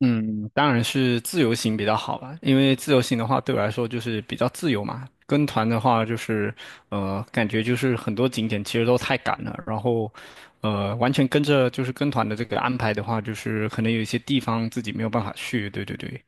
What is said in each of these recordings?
嗯，当然是自由行比较好吧，因为自由行的话对我来说就是比较自由嘛。跟团的话就是，感觉就是很多景点其实都太赶了，然后，完全跟着就是跟团的这个安排的话，就是可能有一些地方自己没有办法去。对对对，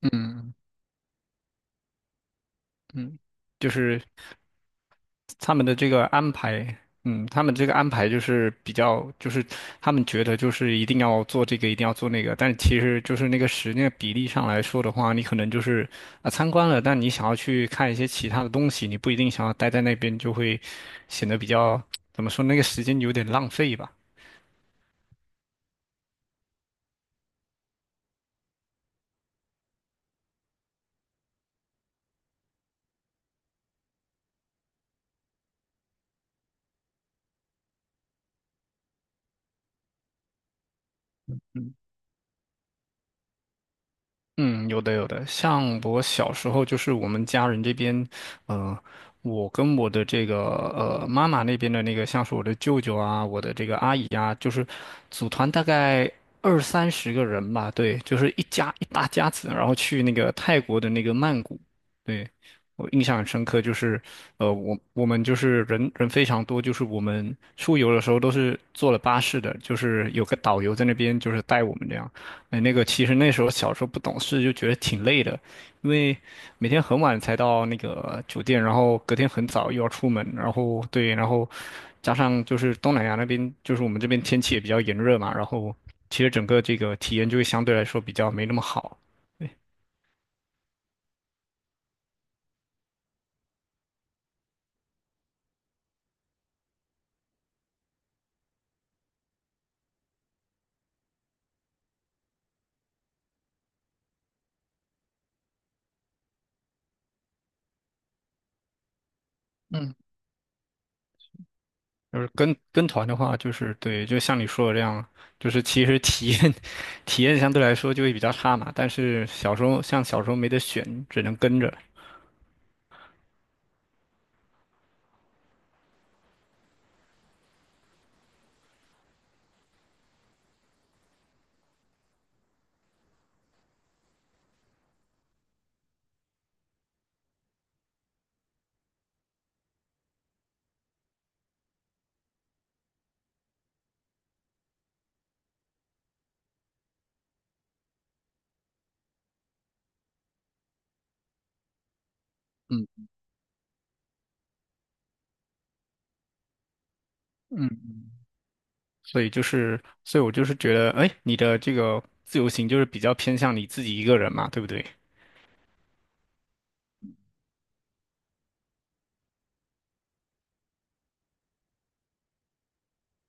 嗯嗯，就是。他们的这个安排，嗯，他们这个安排就是比较，就是他们觉得就是一定要做这个，一定要做那个，但其实就是那个时间比例上来说的话，你可能就是参观了，但你想要去看一些其他的东西，你不一定想要待在那边，就会显得比较，怎么说，那个时间有点浪费吧。嗯，有的有的，像我小时候，就是我们家人这边，呃，我跟我的这个妈妈那边的那个，像是我的舅舅啊，我的这个阿姨啊，就是组团大概二三十个人吧，对，就是一家一大家子，然后去那个泰国的那个曼谷，对，我印象很深刻，就是我们就是人人非常多，就是我们出游的时候都是坐了巴士的，就是有个导游在那边就是带我们这样。哎，那个其实那时候小时候不懂事，就觉得挺累的，因为每天很晚才到那个酒店，然后隔天很早又要出门，然后对，然后加上就是东南亚那边，就是我们这边天气也比较炎热嘛，然后其实整个这个体验就会相对来说比较没那么好。对，嗯，就是跟团的话，就是对，就像你说的这样，就是其实体验 体验相对来说就会比较差嘛，但是小时候像小时候没得选，只能跟着。嗯嗯。所以就是，所以我就是觉得，哎，你的这个自由行就是比较偏向你自己一个人嘛，对不对？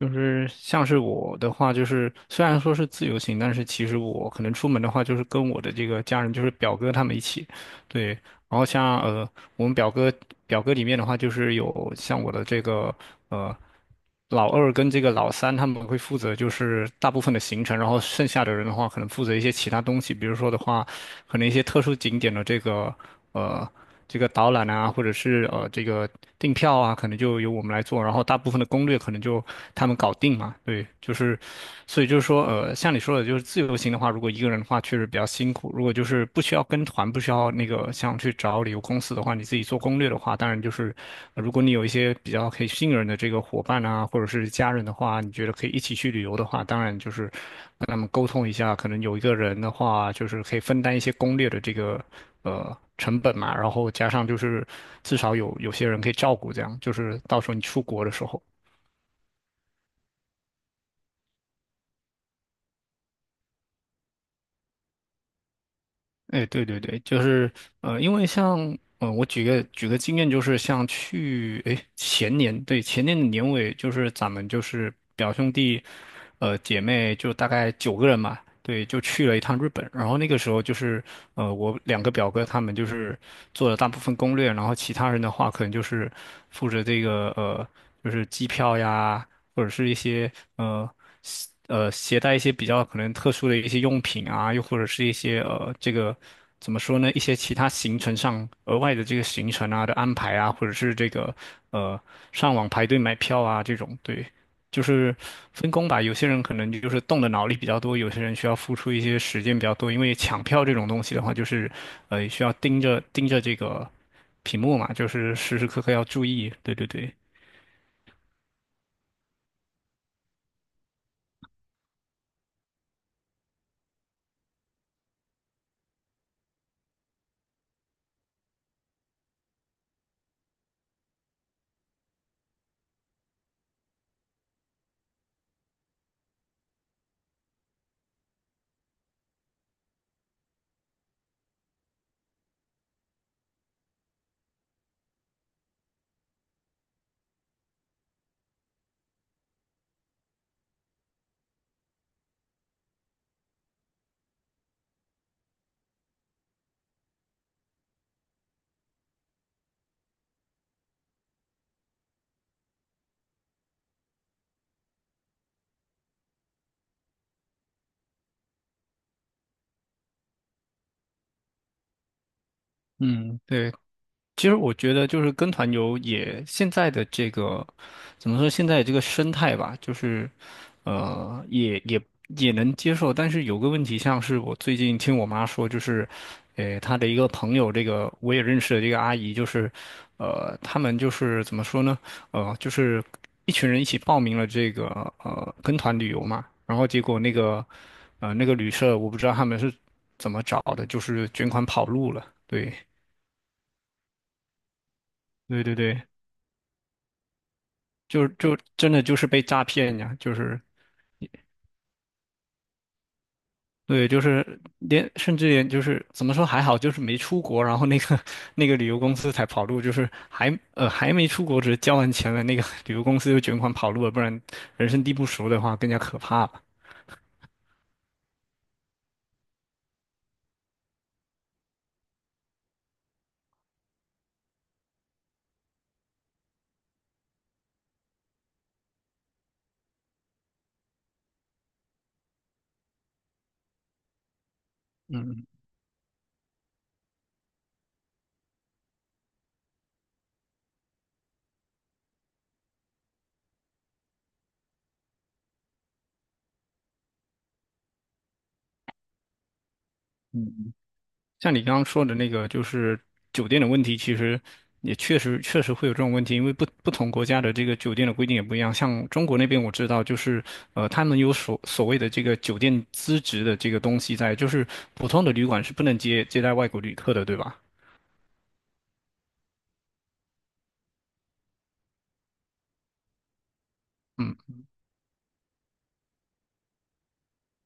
就是像是我的话，就是虽然说是自由行，但是其实我可能出门的话，就是跟我的这个家人，就是表哥他们一起，对。然后像我们表哥表格里面的话，就是有像我的这个呃老二跟这个老三，他们会负责就是大部分的行程，然后剩下的人的话，可能负责一些其他东西，比如说的话，可能一些特殊景点的这个呃这个导览啊，或者是这个订票啊，可能就由我们来做，然后大部分的攻略可能就他们搞定嘛，对，就是所以就是说像你说的，就是自由行的话，如果一个一个人的话，确实比较辛苦。如果就是不需要跟团，不需要那个想去找旅游公司的话，你自己做攻略的话，当然就是如果你有一些比较可以信任的这个伙伴啊，或者是家人的话，你觉得可以一起去旅游的话，当然就是跟他们沟通一下，可能有一个人的话，就是可以分担一些攻略的这个成本嘛，然后加上就是至少有些人可以照顾，这样就是到时候你出国的时候。哎，对对对，就是因为像我举个经验，就是像去哎前年，对前年的年尾，就是咱们就是表兄弟，姐妹就大概九个人嘛，对，就去了一趟日本。然后那个时候就是我两个表哥他们就是做了大部分攻略，然后其他人的话可能就是负责这个就是机票呀。或者是一些呃携带一些比较可能特殊的一些用品啊，又或者是一些这个怎么说呢，一些其他行程上额外的这个行程啊的安排啊，或者是这个呃上网排队买票啊这种，对，就是分工吧。有些人可能就是动的脑力比较多，有些人需要付出一些时间比较多，因为抢票这种东西的话，就是需要盯着盯着这个屏幕嘛，就是时时刻刻要注意。对对对。嗯，对，其实我觉得就是跟团游也现在的这个怎么说？现在这个生态吧，就是呃，也也也能接受。但是有个问题，像是我最近听我妈说，就是她的一个朋友，这个我也认识的这个阿姨，就是他们就是怎么说呢？就是一群人一起报名了这个跟团旅游嘛，然后结果那个那个旅社，我不知道他们是怎么找的，就是卷款跑路了。对，对对对。就真的就是被诈骗呀，就是对，就是甚至连就是怎么说还好，就是没出国，然后那个 那个旅游公司才跑路，就是还没出国，只是交完钱了，那个 旅游公司就卷款跑路了，不然人生地不熟的话更加可怕吧。嗯嗯嗯，像你刚刚说的那个，就是酒店的问题，其实也确实确实会有这种问题，因为不同国家的这个酒店的规定也不一样。像中国那边我知道，就是他们有所谓的这个酒店资质的这个东西在，就是普通的旅馆是不能接待外国旅客的，对吧？嗯，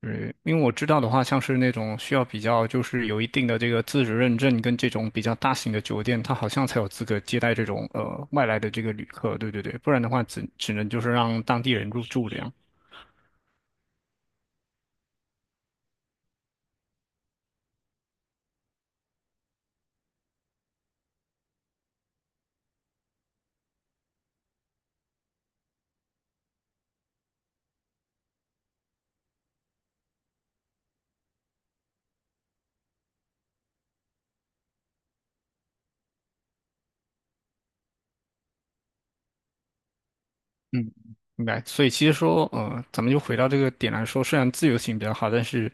对，因为我知道的话，像是那种需要比较就是有一定的这个资质认证跟这种比较大型的酒店，它好像才有资格接待这种外来的这个旅客，对对对，不然的话只能就是让当地人入住这样。嗯，明白。所以其实说，咱们就回到这个点来说，虽然自由行比较好，但是，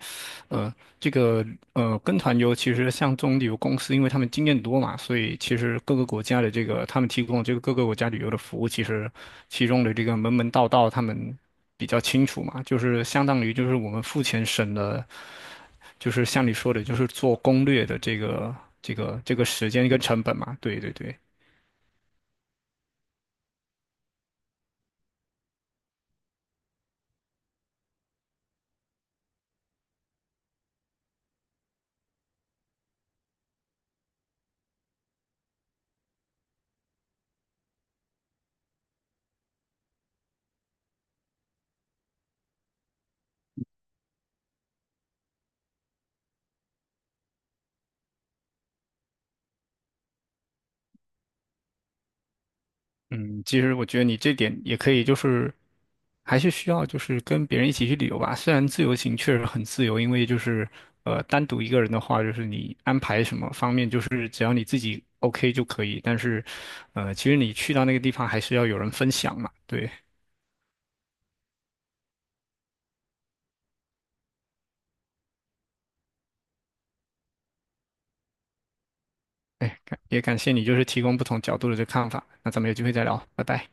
呃，这个跟团游其实像这种旅游公司，因为他们经验多嘛，所以其实各个国家的这个他们提供这个各个国家旅游的服务，其实其中的这个门门道道他们比较清楚嘛，就是相当于就是我们付钱省了，就是像你说的，就是做攻略的这个时间跟成本嘛。对对对。嗯，其实我觉得你这点也可以，就是还是需要就是跟别人一起去旅游吧。虽然自由行确实很自由，因为就是单独一个人的话，就是你安排什么方面，就是只要你自己 OK 就可以。但是，其实你去到那个地方还是要有人分享嘛。对，哎，感谢你就是提供不同角度的这看法。那咱们有机会再聊，拜拜。